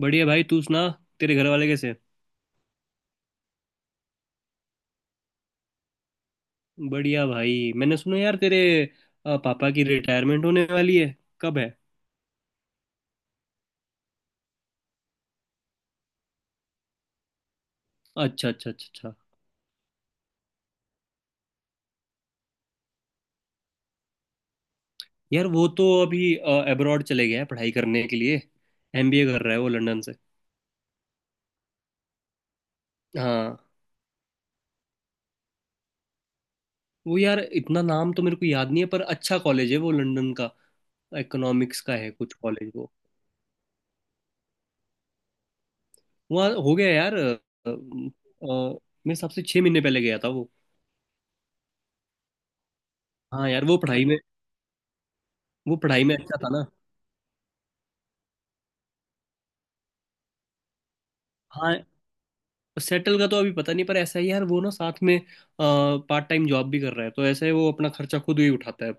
बढ़िया भाई तू सुना। तेरे घर वाले कैसे हैं? बढ़िया भाई मैंने सुना यार तेरे पापा की रिटायरमेंट होने वाली है। कब है? अच्छा अच्छा अच्छा अच्छा। यार वो तो अभी अब्रॉड चले गया है पढ़ाई करने के लिए। एमबीए कर रहा है वो लंदन से। हाँ। वो यार इतना नाम तो मेरे को याद नहीं है पर अच्छा कॉलेज है वो लंदन का। इकोनॉमिक्स का है कुछ कॉलेज वो। वहाँ हो गया यार अ, मेरे हिसाब से छः महीने पहले गया था वो। हाँ यार वो पढ़ाई में, वो पढ़ाई में अच्छा था ना। हाँ। सेटल का तो अभी पता नहीं पर ऐसा ही यार वो ना साथ में पार्ट टाइम जॉब भी कर रहा है, तो ऐसे वो अपना खर्चा खुद ही उठाता है।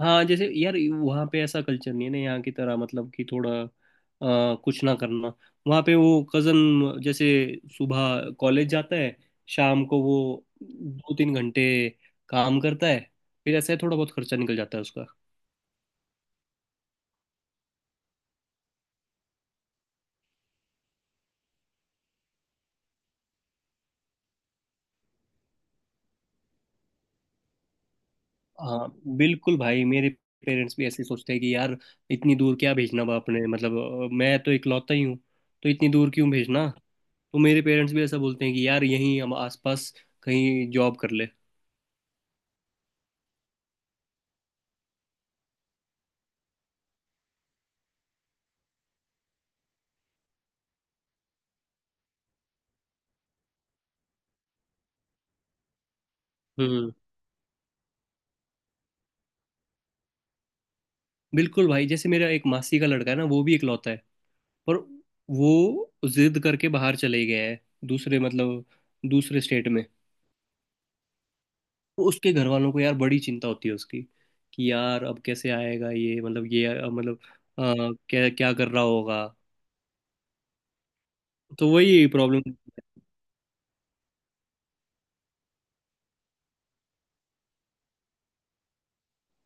हाँ जैसे यार वहाँ पे ऐसा कल्चर नहीं है ना यहाँ की तरह, मतलब कि थोड़ा कुछ ना करना। वहाँ पे वो कज़न जैसे सुबह कॉलेज जाता है, शाम को वो दो तीन घंटे काम करता है, फिर ऐसे थोड़ा बहुत खर्चा निकल जाता है उसका। हाँ बिल्कुल भाई। मेरे पेरेंट्स भी ऐसे ही सोचते हैं कि यार इतनी दूर क्या भेजना बाप ने, मतलब मैं तो इकलौता ही हूँ, तो इतनी दूर क्यों भेजना। तो मेरे पेरेंट्स भी ऐसा बोलते हैं कि यार यहीं हम आसपास कहीं जॉब कर ले। हम्म। बिल्कुल भाई, जैसे मेरा एक मासी का लड़का है ना, वो भी इकलौता है पर वो जिद करके बाहर चले गया है, दूसरे मतलब दूसरे स्टेट में। तो उसके घर वालों को यार बड़ी चिंता होती है उसकी कि यार अब कैसे आएगा ये, मतलब ये मतलब अ, क्या क्या कर रहा होगा। तो वही प्रॉब्लम।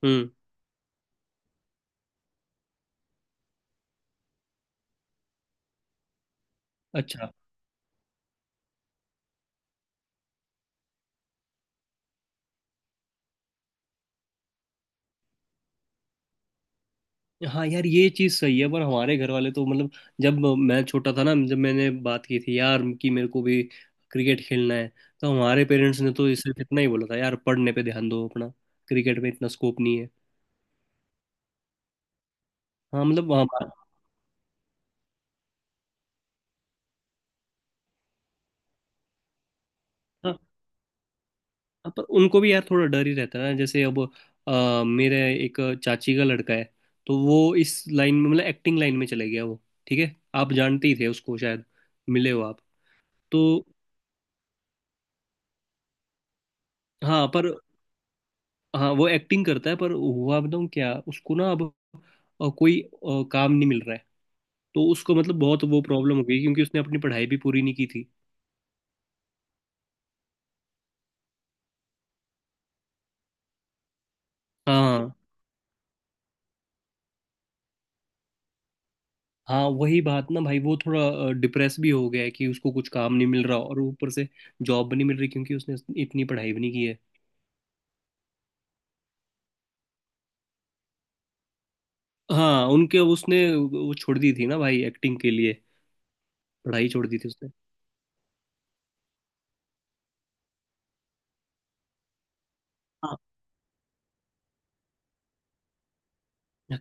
हम्म। अच्छा। हाँ यार ये चीज़ सही है पर हमारे घर वाले तो मतलब, जब मैं छोटा था ना, जब मैंने बात की थी यार कि मेरे को भी क्रिकेट खेलना है, तो हमारे पेरेंट्स ने तो सिर्फ इतना ही बोला था यार पढ़ने पे ध्यान दो अपना, क्रिकेट में इतना स्कोप नहीं है। हाँ मतलब हमारा। हाँ, हाँ, पर उनको भी यार थोड़ा डर ही रहता है ना। जैसे अब मेरे एक चाची का लड़का है, तो वो इस लाइन में, मतलब एक्टिंग लाइन में चले गया वो। ठीक है आप जानते ही थे उसको शायद, मिले हो आप। तो हाँ पर, हाँ वो एक्टिंग करता है पर हुआ बताऊँ क्या उसको ना। अब कोई काम नहीं मिल रहा है तो उसको, मतलब बहुत वो प्रॉब्लम हो गई क्योंकि उसने अपनी पढ़ाई भी पूरी नहीं की थी। हाँ। हाँ वही बात ना भाई, वो थोड़ा डिप्रेस भी हो गया है कि उसको कुछ काम नहीं मिल रहा और ऊपर से जॉब भी नहीं मिल रही क्योंकि उसने इतनी पढ़ाई भी नहीं की है। हाँ उनके, उसने वो छोड़ दी थी ना भाई एक्टिंग के लिए। पढ़ाई छोड़ दी थी उसने।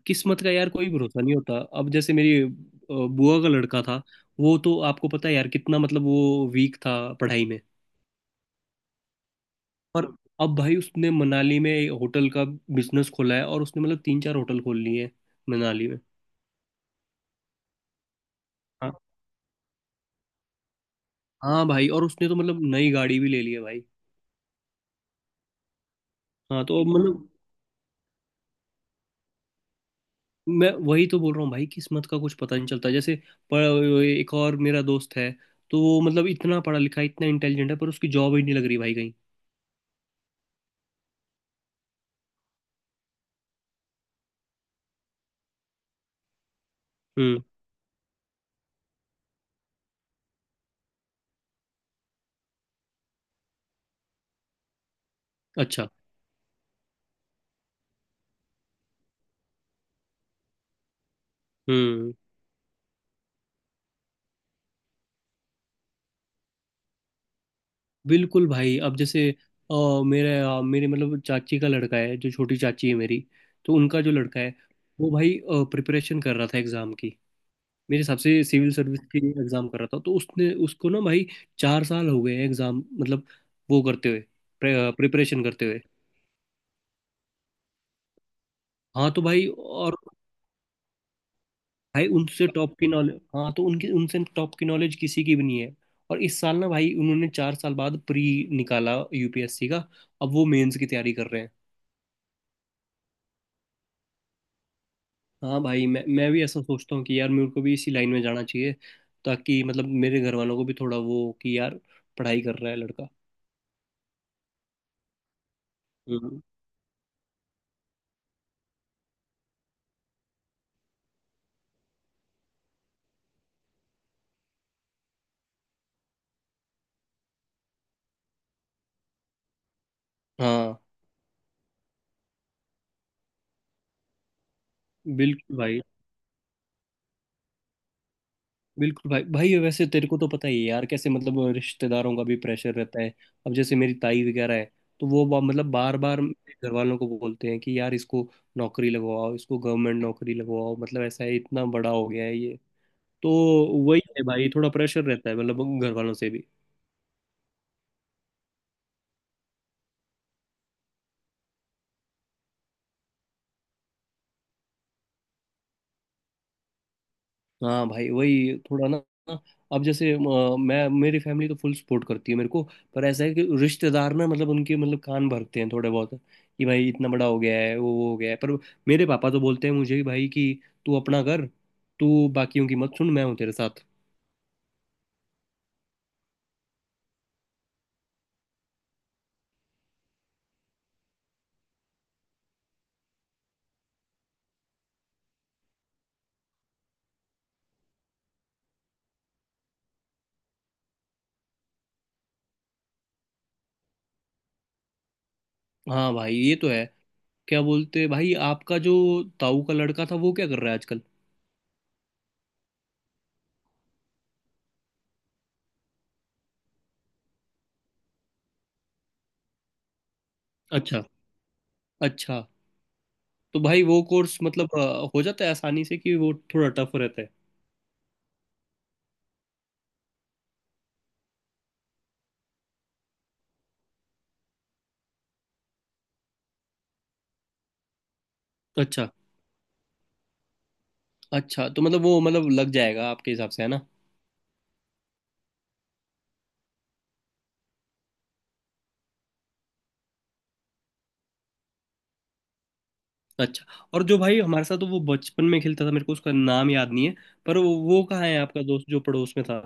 किस्मत का यार कोई भरोसा नहीं होता। अब जैसे मेरी बुआ का लड़का था, वो तो आपको पता है यार कितना मतलब वो वीक था पढ़ाई में। और अब भाई उसने मनाली में एक होटल का बिजनेस खोला है और उसने मतलब तीन चार होटल खोल लिए हैं मनाली में। हाँ। हाँ भाई, और उसने तो मतलब नई गाड़ी भी ले ली है भाई। हाँ तो मतलब मैं वही तो बोल रहा हूँ भाई किस्मत का कुछ पता नहीं चलता। जैसे पर एक और मेरा दोस्त है, तो वो मतलब इतना पढ़ा लिखा है, इतना इंटेलिजेंट है पर उसकी जॉब ही नहीं लग रही भाई कहीं। हम्म। अच्छा। हम्म। बिल्कुल भाई। अब जैसे अ, मेरे मतलब चाची का लड़का है जो छोटी चाची है मेरी, तो उनका जो लड़का है, वो भाई प्रिपरेशन कर रहा था एग्जाम की। मेरे हिसाब से सिविल सर्विस की एग्जाम कर रहा था, तो उसने उसको ना भाई चार साल हो गए एग्जाम मतलब, वो करते हुए, प्रिपरेशन करते हुए। हाँ तो भाई और, भाई उनसे टॉप की नॉलेज। हाँ तो उनकी, उनसे टॉप की नॉलेज किसी की भी नहीं है। और इस साल ना भाई उन्होंने चार साल बाद प्री निकाला यूपीएससी का। अब वो मेंस की तैयारी कर रहे हैं। हाँ भाई मैं भी ऐसा सोचता हूँ कि यार मेरे को भी इसी लाइन में जाना चाहिए ताकि मतलब मेरे घर वालों को भी थोड़ा वो हो कि यार पढ़ाई कर रहा है लड़का। हम्म। हाँ बिल्कुल भाई। बिल्कुल भाई, भाई वैसे तेरे को तो पता ही है यार कैसे मतलब रिश्तेदारों का भी प्रेशर रहता है। अब जैसे मेरी ताई वगैरह है, तो वो मतलब बार बार घर वालों को बोलते हैं कि यार इसको नौकरी लगवाओ, इसको गवर्नमेंट नौकरी लगवाओ, मतलब ऐसा है, इतना बड़ा हो गया है ये। तो वही है भाई, थोड़ा प्रेशर रहता है मतलब घर वालों से भी। हाँ भाई वही थोड़ा ना, अब जैसे मैं मेरी फैमिली तो फुल सपोर्ट करती है मेरे को, पर ऐसा है कि रिश्तेदार ना मतलब उनके मतलब कान भरते हैं थोड़े बहुत कि भाई इतना बड़ा हो गया है, वो हो गया है, पर मेरे पापा तो बोलते हैं मुझे कि भाई कि तू अपना कर, तू बाकियों की मत सुन, मैं हूँ तेरे साथ। हाँ भाई ये तो है। क्या बोलते हैं भाई, आपका जो ताऊ का लड़का था वो क्या कर रहा है आजकल? अच्छा। अच्छा तो भाई वो कोर्स मतलब हो जाता है आसानी से कि वो थोड़ा टफ रहता है? अच्छा। अच्छा तो मतलब वो मतलब लग जाएगा आपके हिसाब से है ना? अच्छा। और जो भाई हमारे साथ वो बचपन में खेलता था मेरे को उसका नाम याद नहीं है पर वो कहाँ है आपका दोस्त जो पड़ोस में था?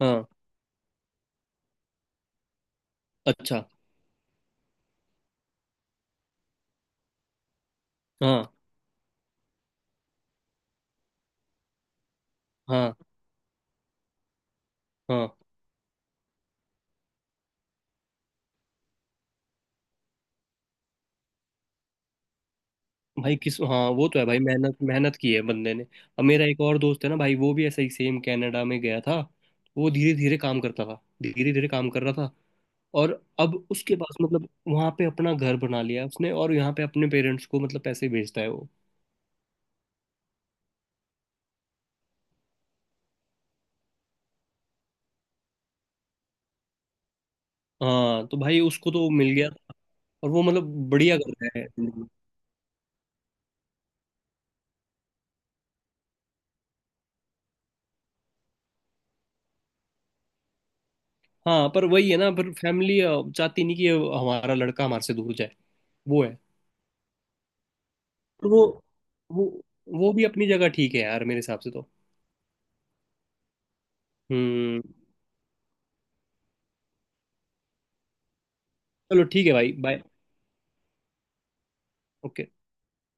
हाँ। अच्छा। हाँ। हाँ। हाँ भाई किस, हाँ वो तो है भाई, मेहनत मेहनत की है बंदे ने। अब मेरा एक और दोस्त है ना भाई, वो भी ऐसा ही सेम कनाडा में गया था। वो धीरे धीरे काम करता था, धीरे धीरे काम कर रहा था और अब उसके पास मतलब वहां पे अपना घर बना लिया उसने और यहाँ पे अपने पेरेंट्स को मतलब पैसे भेजता है वो। हाँ तो भाई उसको तो मिल गया। और वो मतलब बढ़िया कर रहे हैं। हाँ पर वही है ना, पर फैमिली चाहती नहीं कि हमारा लड़का हमारे से दूर जाए। वो है पर वो वो भी अपनी जगह ठीक है यार मेरे हिसाब से तो। हम्म। चलो ठीक है भाई बाय। ओके।